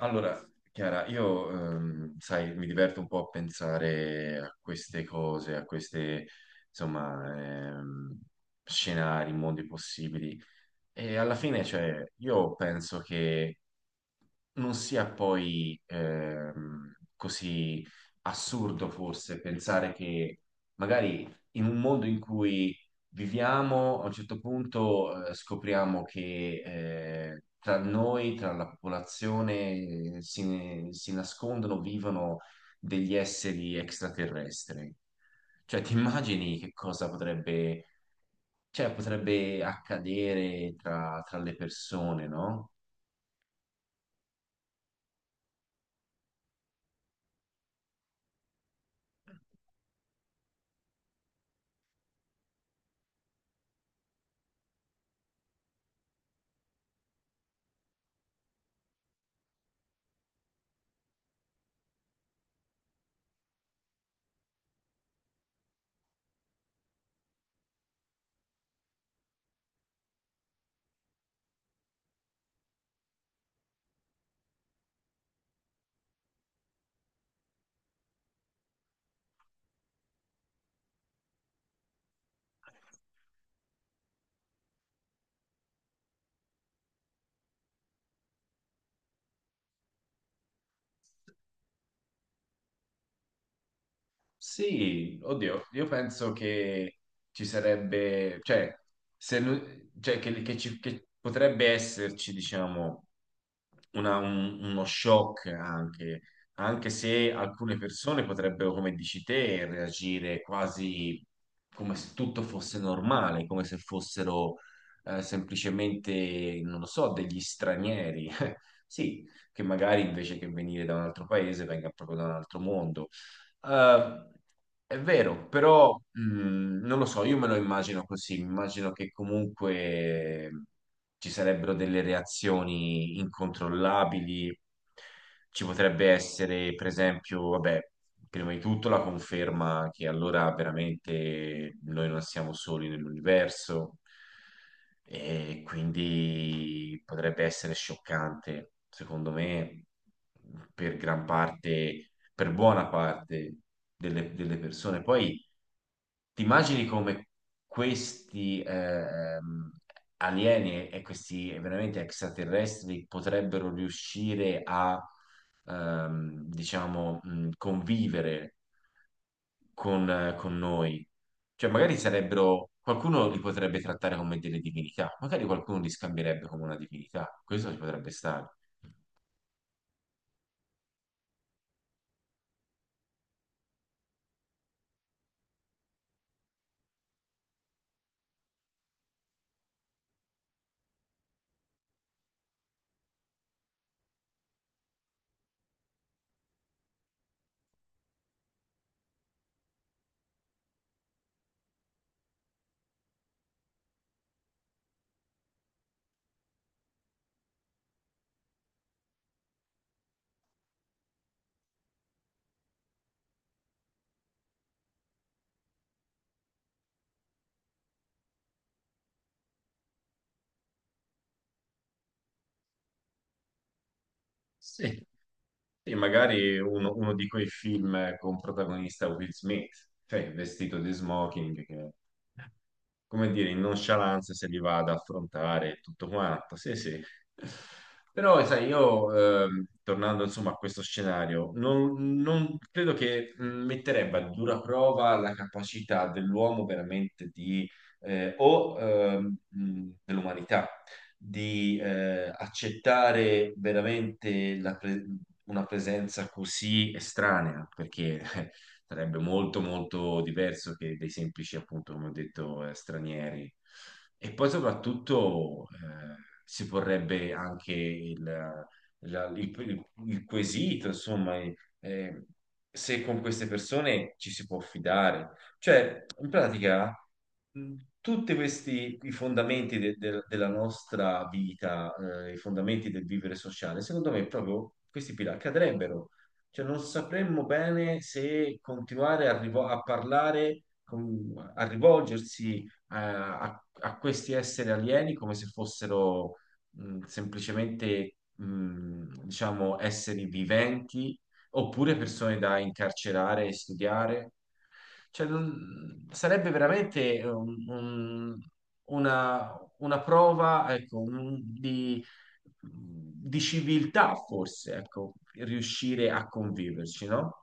Allora, Chiara, io, sai, mi diverto un po' a pensare a queste cose, a queste, insomma, scenari, mondi possibili. E alla fine, cioè, io penso che non sia poi così assurdo forse pensare che magari in un mondo in cui viviamo, a un certo punto scopriamo che tra noi, tra la popolazione, si nascondono, vivono degli esseri extraterrestri. Cioè, ti immagini che cosa potrebbe, cioè, potrebbe accadere tra le persone, no? Sì, oddio, io penso che ci sarebbe, cioè, se nu- cioè, che potrebbe esserci, diciamo, uno shock anche, anche se alcune persone potrebbero, come dici te, reagire quasi come se tutto fosse normale, come se fossero semplicemente, non lo so, degli stranieri. Sì, che magari invece che venire da un altro paese venga proprio da un altro mondo eh, è vero, però non lo so, io me lo immagino così, mi immagino che comunque ci sarebbero delle reazioni incontrollabili, ci potrebbe essere, per esempio, vabbè, prima di tutto la conferma che allora veramente noi non siamo soli nell'universo e quindi potrebbe essere scioccante, secondo me, per gran parte per buona parte delle persone. Poi ti immagini come questi alieni e questi veramente extraterrestri potrebbero riuscire a, diciamo, convivere con noi. Cioè, magari sarebbero, qualcuno li potrebbe trattare come delle divinità, magari qualcuno li scambierebbe come una divinità. Questo ci potrebbe stare. Sì. E magari uno di quei film con protagonista Will Smith, cioè vestito di smoking, che come dire, in nonchalance se li va ad affrontare e tutto quanto. Sì, sì. Però, sai, io, tornando insomma a questo scenario, non credo che metterebbe a dura prova la capacità dell'uomo veramente di, o dell'umanità, di accettare veramente una presenza così estranea, perché sarebbe molto molto diverso che dei semplici, appunto, come ho detto, stranieri. E poi soprattutto si porrebbe anche il, la- il quesito, insomma, eh, se con queste persone ci si può fidare. Cioè, in pratica, tutti questi i fondamenti della nostra vita, i fondamenti del vivere sociale, secondo me proprio questi pilastri cadrebbero. Cioè, non sapremmo bene se continuare a parlare, a rivolgersi a questi esseri alieni come se fossero semplicemente, diciamo, esseri viventi oppure persone da incarcerare e studiare. Cioè, sarebbe veramente una, una prova, ecco, di civiltà, forse, ecco, riuscire a conviverci, no?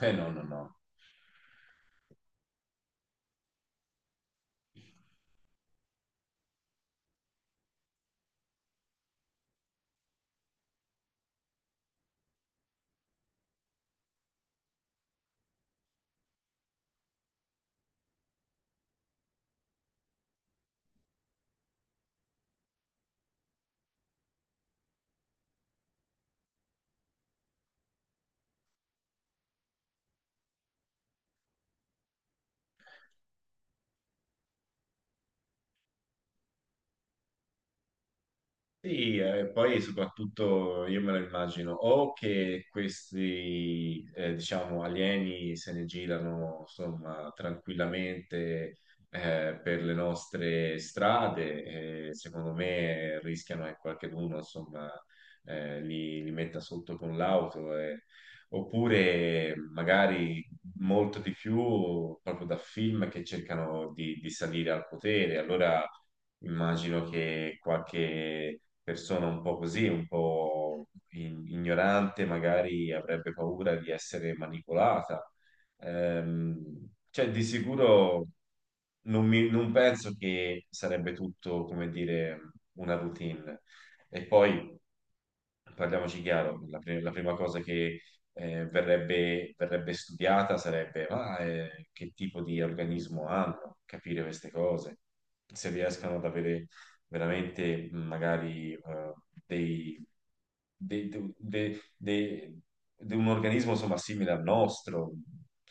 No, no, no. Sì, e poi soprattutto io me lo immagino o che questi, diciamo, alieni se ne girano, insomma, tranquillamente, per le nostre strade, secondo me rischiano che qualcheduno, insomma, li metta sotto con l'auto, eh. Oppure magari molto di più proprio da film che cercano di salire al potere. Allora, immagino che qualche persona un po' così, un po' ignorante, magari avrebbe paura di essere manipolata. Cioè, di sicuro non penso che sarebbe tutto, come dire, una routine. E poi, parliamoci chiaro, la prima cosa che verrebbe studiata sarebbe che tipo di organismo hanno, capire queste cose, se riescano ad avere veramente magari dei, dei, de- de- de- de un organismo insomma simile al nostro.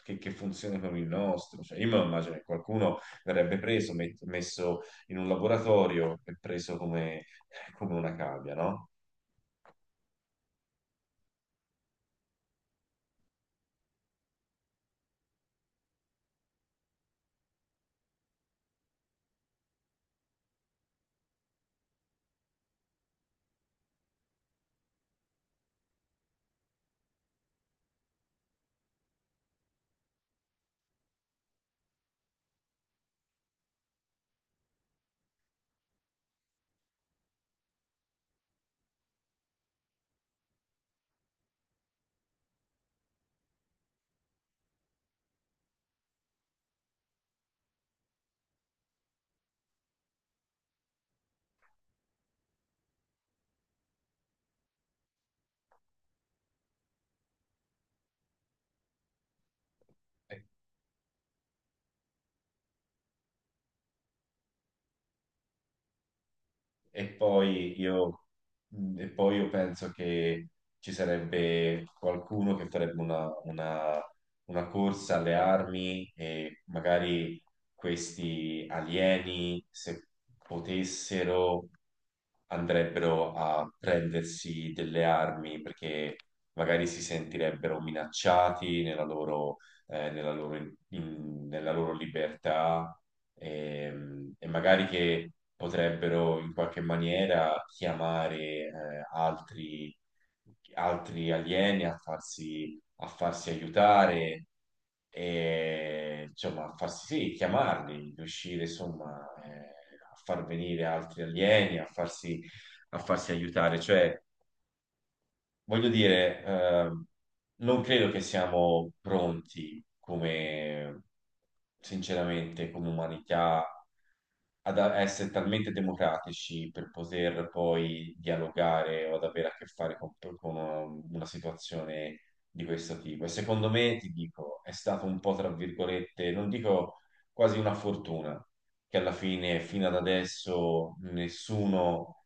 Che funzioni come il nostro. Cioè, io me lo immagino che qualcuno verrebbe preso, messo in un laboratorio e preso come una cavia, no? E poi io, e poi io penso che ci sarebbe qualcuno che farebbe una corsa alle armi e magari questi alieni, se potessero, andrebbero a prendersi delle armi perché magari si sentirebbero minacciati nella loro libertà, e magari che potrebbero in qualche maniera chiamare eh, altri, altri alieni a farsi aiutare e insomma a farsi sì, chiamarli, riuscire insomma a far venire altri alieni, a farsi aiutare, cioè voglio dire, non credo che siamo pronti come, sinceramente, come umanità ad essere talmente democratici per poter poi dialogare o ad avere a che fare con una situazione di questo tipo. E secondo me, ti dico, è stato un po', tra virgolette, non dico quasi una fortuna, che alla fine, fino ad adesso, nessuno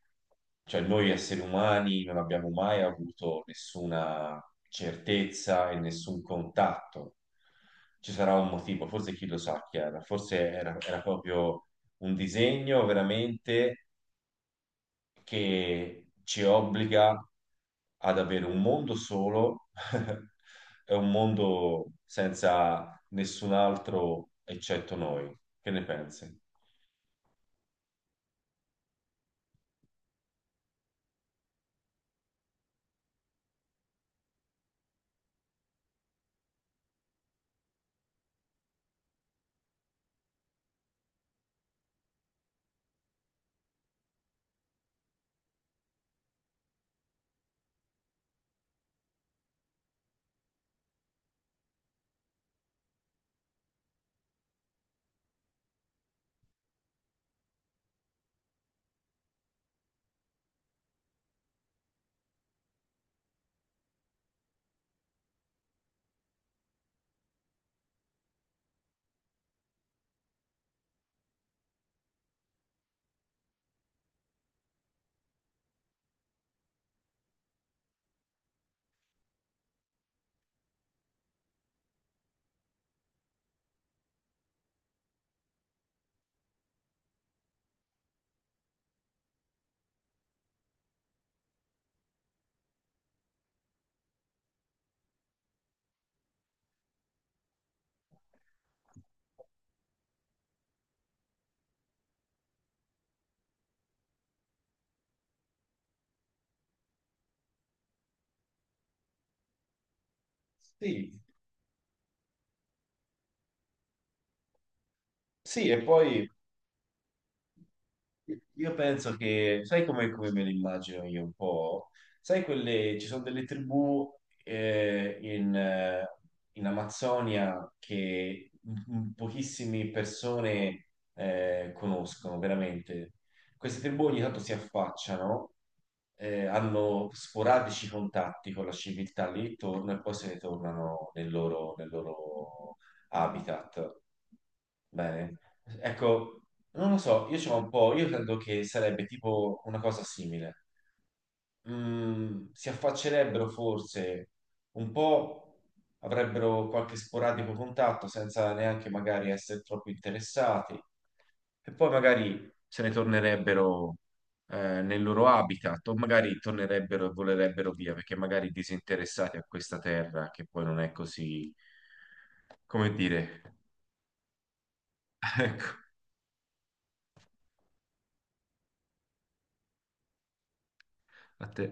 cioè noi esseri umani non abbiamo mai avuto nessuna certezza e nessun contatto. Ci sarà un motivo, forse chi lo sa, Chiara, forse era proprio un disegno veramente che ci obbliga ad avere un mondo solo, è un mondo senza nessun altro eccetto noi. Che ne pensi? Sì, sì, e poi io penso che, sai come me le immagino io un po'? Sai quelle, ci sono delle tribù eh, in, eh, in Amazzonia che pochissime persone conoscono veramente. Queste tribù ogni tanto si affacciano, hanno sporadici contatti con la civiltà lì intorno e poi se ne tornano nel loro habitat. Bene. Ecco, non lo so, io c'ho un po', io credo che sarebbe tipo una cosa simile. Si affaccerebbero forse un po', avrebbero qualche sporadico contatto senza neanche magari essere troppo interessati e poi magari se ne tornerebbero nel loro habitat o magari tornerebbero e volerebbero via perché magari disinteressati a questa terra che poi non è così, come dire, ecco, a te.